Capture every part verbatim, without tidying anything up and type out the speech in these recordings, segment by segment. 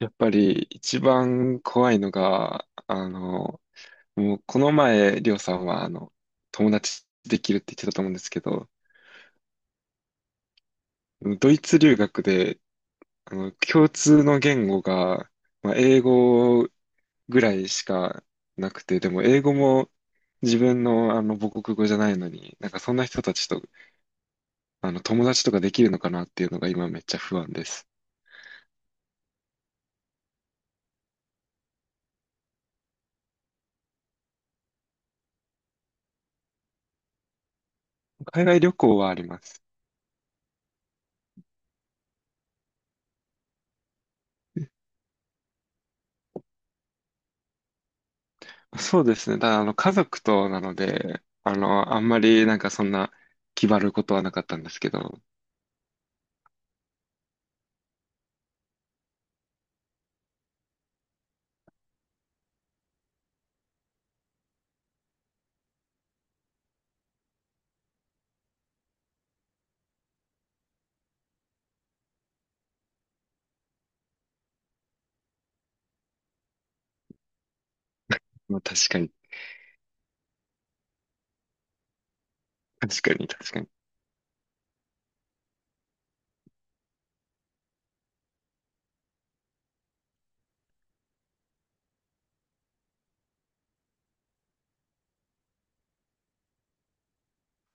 やっぱり一番怖いのが、あの、もうこの前、りょうさんは、あの、友達できるって言ってたと思うんですけど、ドイツ留学で、あの、共通の言語が、まあ、英語ぐらいしかなくて、でも英語も自分の、あの母国語じゃないのに、なんかそんな人たちと、あの、友達とかできるのかなっていうのが今めっちゃ不安です。海外旅行はあります。そうですね。ただ、あの、家族となので、あの、あんまりなんかそんな気張ることはなかったんですけど、まあ、確かに、確かに、確かに。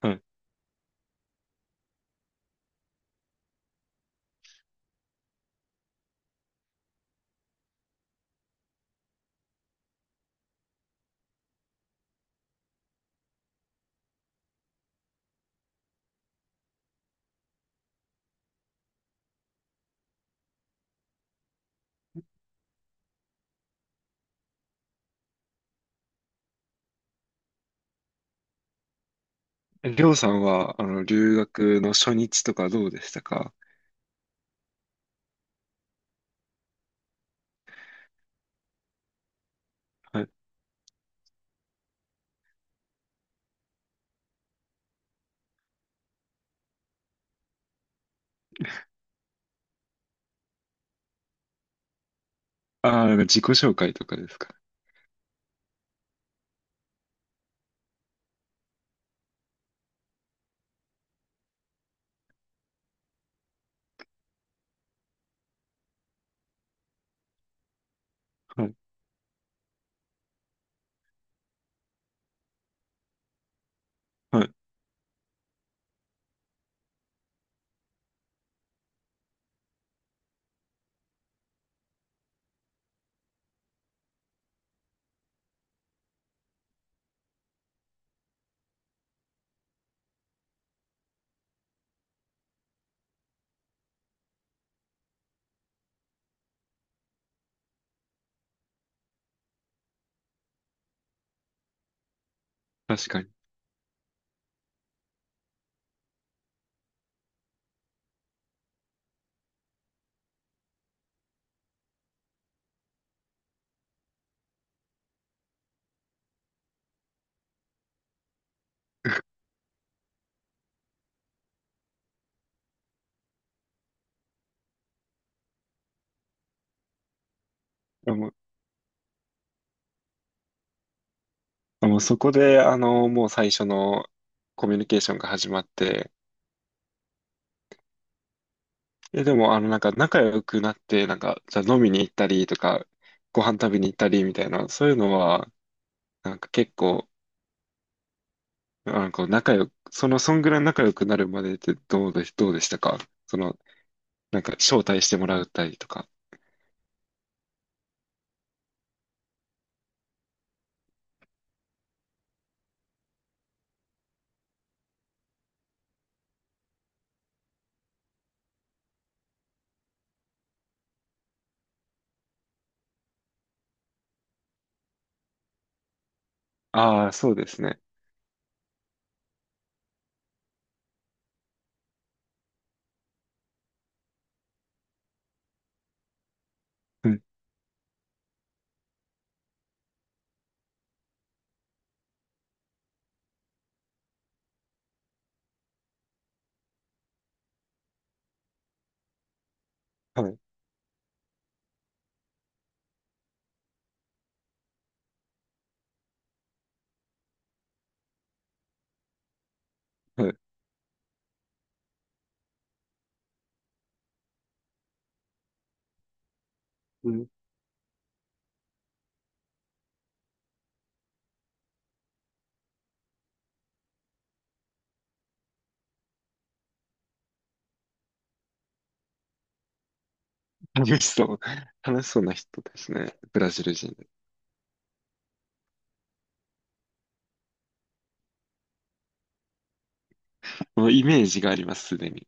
はい。えりょうさんは、あの、留学の初日とかどうでしたか？はい。ああ、なんか自己紹介とかですか？はい。はい。確かに。あもう、あもうそこで、あの、もう最初のコミュニケーションが始まって、え、でも、あの、なんか仲良くなって、なんか、じゃあ飲みに行ったりとか、ご飯食べに行ったりみたいな、そういうのは、なんか結構、あ、こう仲良く、その、そんぐらい仲良くなるまでってどうで、どうでしたか？その、なんか、招待してもらったりとか。ああ、そうですね。うん、はい、はい。うん、楽しそう。楽しそうな人ですね。ブラジル人。もうイメージがあります、すでに。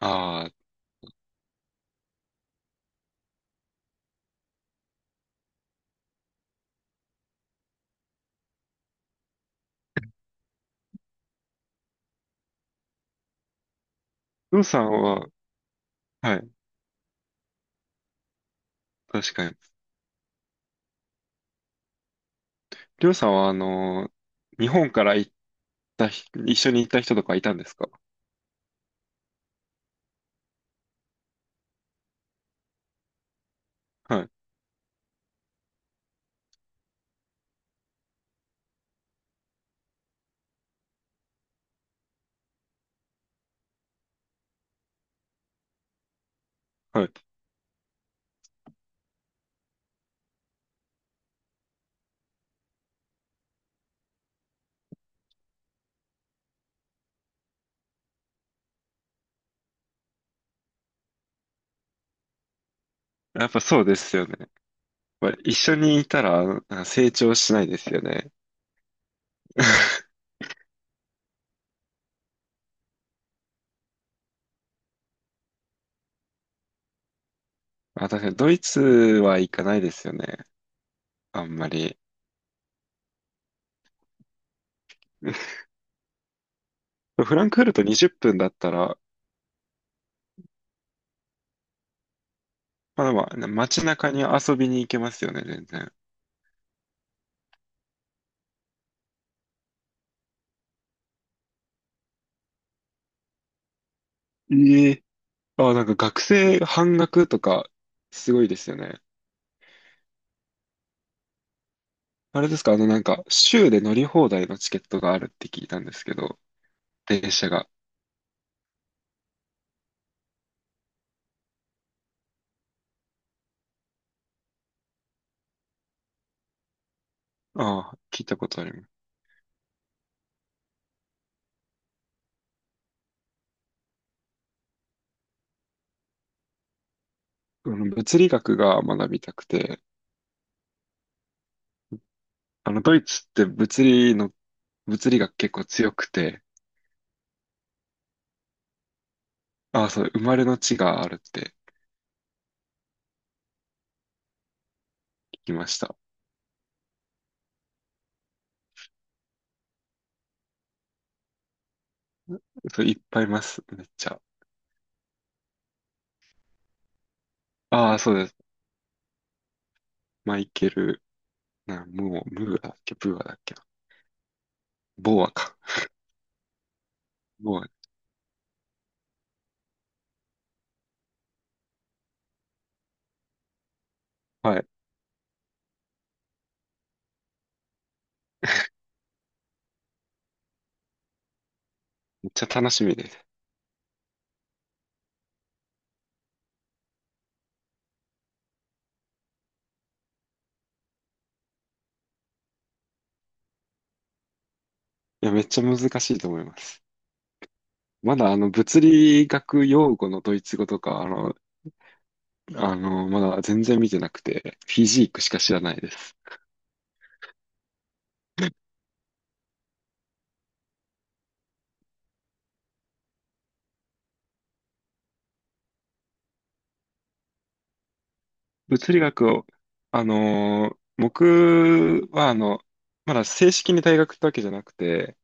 ああ、りょうさんは、はい、確かに。りょうさんは、あのー日本から行ったひ、一緒に行った人とかいたんですか？はい、はい。やっぱそうですよね。やっぱ一緒にいたら、あの成長しないですよね。あ、確かにドイツは行かないですよね。あんまり。フランクフルトにじゅっぷんだったら、まあまあ、街中に遊びに行けますよね、全然。ええ。あ、なんか学生半額とか、すごいですよね。あれですか、あのなんか、州で乗り放題のチケットがあるって聞いたんですけど、電車が。ああ、聞いたことあります。あの物理学が学びたくて、あの、ドイツって物理の、物理学結構強くて、ああ、そう、生まれの地があるって聞きました。そういっぱいいます。めっちゃ。ああ、そうです。マイケル、な、もう、ムーアだっけ、ブーアだっけな。ボーアか。ボーア。はい。めっちゃ楽しみです。いや、めっちゃ難しいと思います。まだ、あの、物理学用語のドイツ語とか、あの、あの、まだ全然見てなくて、フィジークしか知らないです。物理学を、あのー僕はあの、まだ正式に大学ってわけじゃなくて、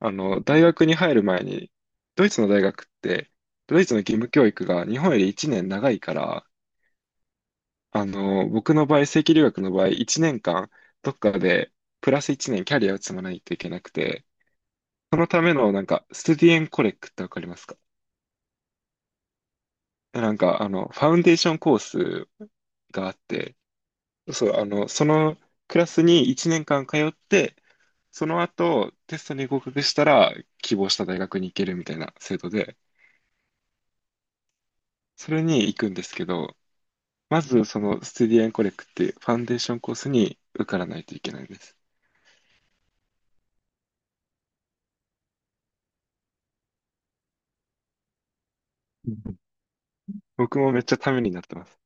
あの、大学に入る前に、ドイツの大学って、ドイツの義務教育が日本よりいちねん長いから、あの、僕の場合、正規留学の場合、いちねんかん、どっかで、プラスいちねんキャリアを積まないといけなくて、そのための、なんか、スティエンコレックってわかりますか？なんか、あの、ファウンデーションコースがあって、そう、あの、そのクラスにいちねんかん通って、その後、テストに合格したら、希望した大学に行けるみたいな制度で、それに行くんですけど、まずそのステディアンコレクっていうファンデーションコースに受からないといけないです。うん、僕もめっちゃためになってます。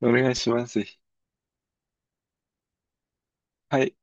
お願いします。ぜひ。はい。